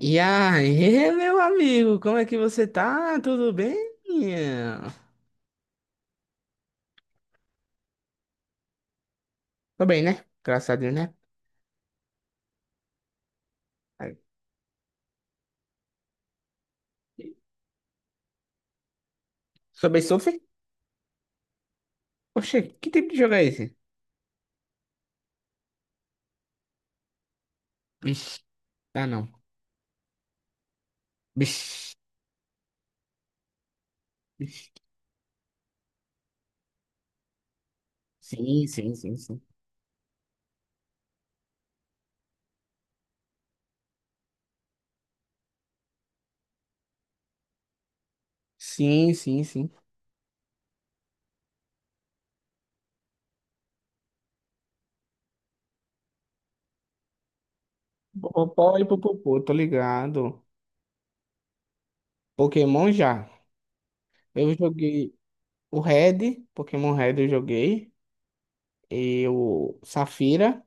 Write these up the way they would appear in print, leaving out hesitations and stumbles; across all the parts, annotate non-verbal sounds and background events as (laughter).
E aí, (laughs) meu amigo, como é que você tá? Tudo bem? Tô bem, né? Graças a Deus, né? Ai, sobre surf? Oxê, que tipo de jogo é esse? Bicho, ah não. Bicho. Bicho. Sim, sim, sim, sim. Sim, sim, sim. Popopó e popopô, tô ligado. Pokémon já. Eu joguei o Red, Pokémon Red eu joguei. E o Safira.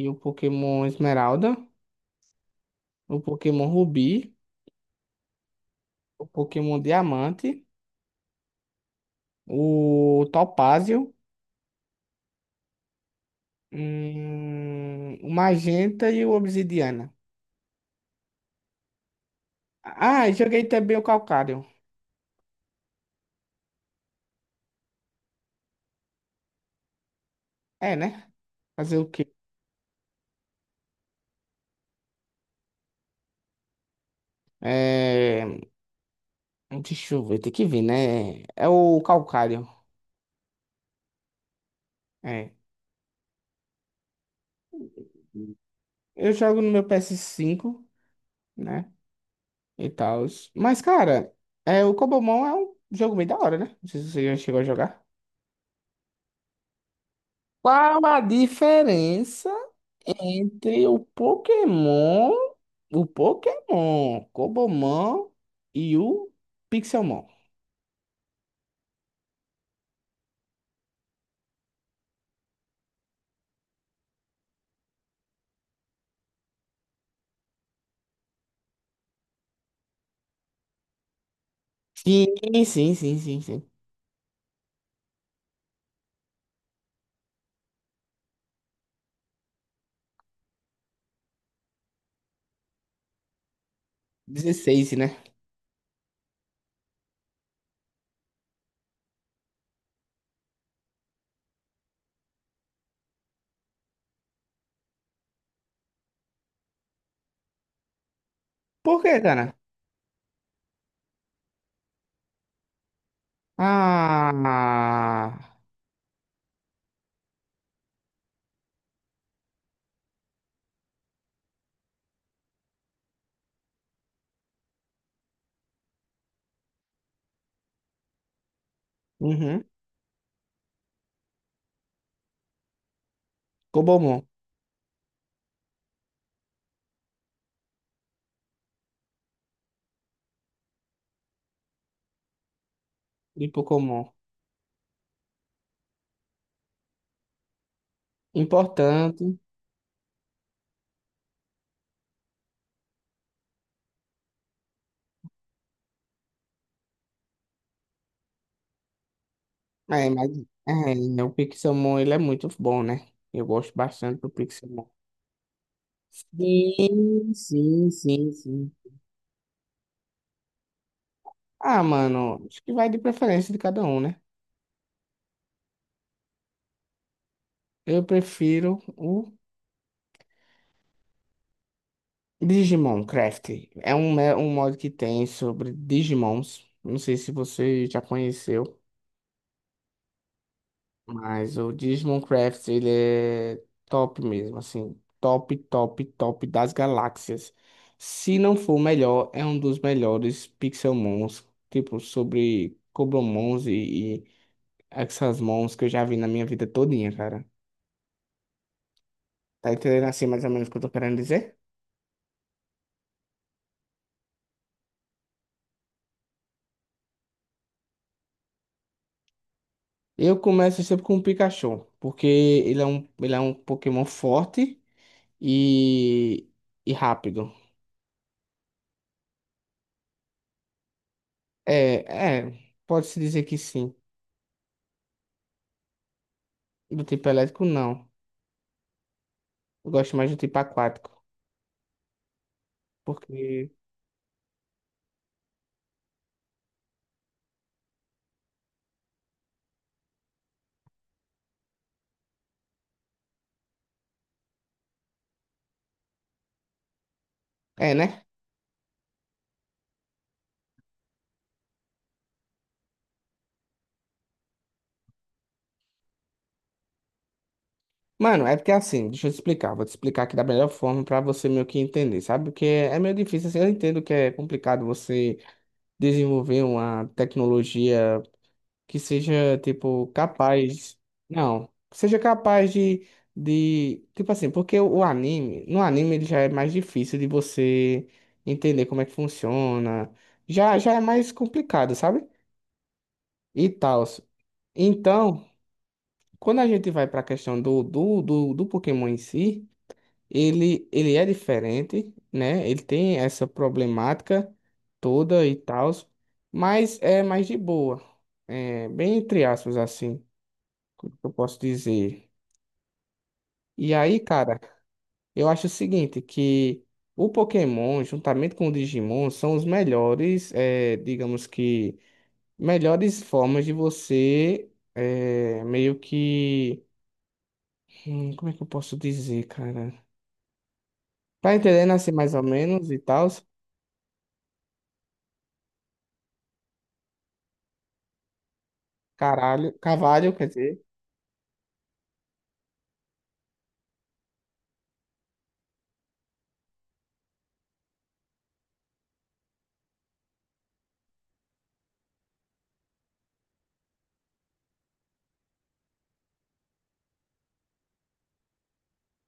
E o Pokémon Esmeralda. O Pokémon Rubi. O Pokémon Diamante. O Topázio, o Magenta e o Obsidiana. Ah, joguei também o Calcário. É, né? Fazer o quê? É, Deixa eu ver, tem que ver, né? É o Calcário. É. Eu jogo no meu PS5, né? E tal. Mas, cara, o Cobomon é um jogo meio da hora, né? Não sei se você já chegou a jogar. Qual a diferença entre o Pokémon, Cobomon e o Pixelmon. Sim, sim, sim, sim, sim. 16, né? Por quê, cara? Ah, uhum. Cobomon e Pokémon. Importante. Mas o Pixelmon ele é muito bom, né? Eu gosto bastante do Pixelmon. Sim, sim, sim, sim. Ah, mano, acho que vai de preferência de cada um, né? Eu prefiro o Digimon Craft, é um mod que tem sobre Digimons. Não sei se você já conheceu, mas o Digimon Craft ele é top mesmo, assim, top, top, top das galáxias. Se não for o melhor, é um dos melhores Pixelmons, tipo sobre Coblomons e Exasmons que eu já vi na minha vida todinha, cara. Tá entendendo assim mais ou menos o que eu tô querendo dizer? Eu começo sempre com o Pikachu, porque ele é um Pokémon forte e, e rápido. É, é, pode-se dizer que sim. Do tipo elétrico, não. Eu gosto mais do tipo aquático. Porque. É, né? Mano, é porque assim, deixa eu te explicar. Vou te explicar aqui da melhor forma pra você meio que entender, sabe? Porque é meio difícil, assim. Eu entendo que é complicado você desenvolver uma tecnologia. Que seja, tipo, capaz. Não, que seja capaz de, de. Tipo assim, porque o anime. No anime ele já é mais difícil de você entender como é que funciona. Já é mais complicado, sabe? E tal. Então, quando a gente vai para a questão do Pokémon em si, ele é diferente, né? Ele tem essa problemática toda e tal, mas é mais de boa. É, bem entre aspas, assim. Como que eu posso dizer? E aí, cara, eu acho o seguinte, que o Pokémon, juntamente com o Digimon, são os melhores, digamos que, melhores formas de você, meio que, como é que eu posso dizer, cara? Tá entendendo assim mais ou menos e tal? Caralho, cavalo, quer dizer.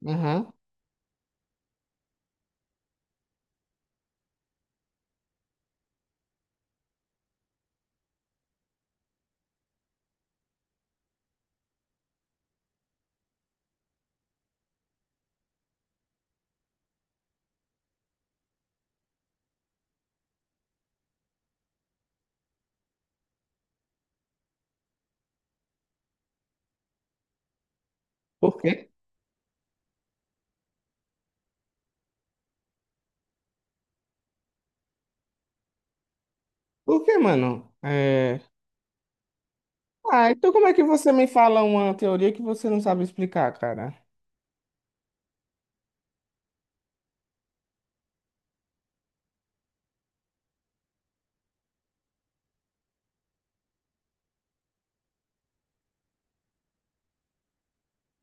Aham. Por quê? Por quê, mano? É... Ah, então como é que você me fala uma teoria que você não sabe explicar, cara?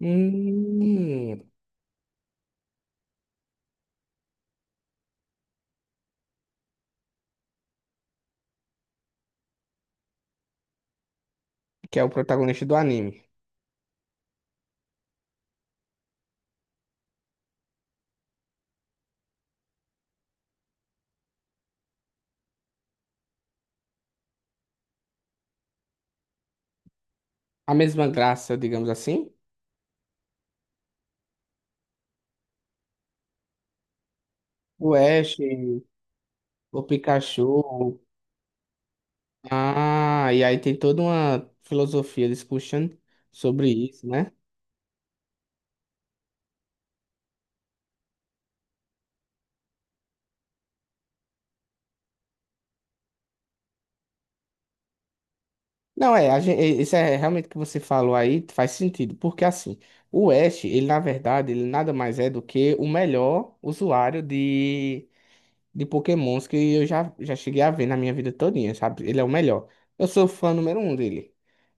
Hum. Que é o protagonista do anime. A mesma graça, digamos assim. O Ash, o Pikachu. Ah, e aí tem toda uma filosofia discussion sobre isso, né? Não, isso é realmente o que você falou aí, faz sentido, porque assim, o Ash, ele na verdade, ele nada mais é do que o melhor usuário de Pokémons que eu já cheguei a ver na minha vida todinha, sabe? Ele é o melhor. Eu sou fã número um dele.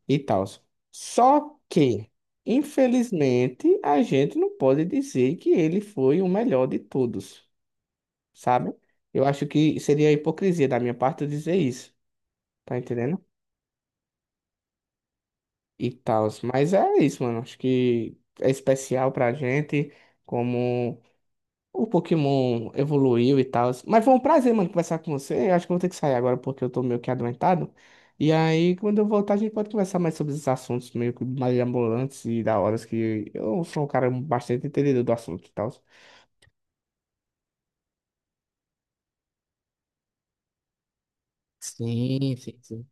E tal. Só que, infelizmente, a gente não pode dizer que ele foi o melhor de todos, sabe? Eu acho que seria hipocrisia da minha parte eu dizer isso, tá entendendo? E tal. Mas é isso, mano. Acho que é especial pra gente, como. O Pokémon evoluiu e tal. Mas foi um prazer, mano, conversar com você. Eu acho que eu vou ter que sair agora porque eu tô meio que adoentado. E aí, quando eu voltar, a gente pode conversar mais sobre esses assuntos meio que mais ambulantes e da hora, que eu sou um cara bastante entendedor do assunto e tal. Sim, sim, sim.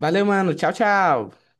Valeu, mano. Tchau, tchau.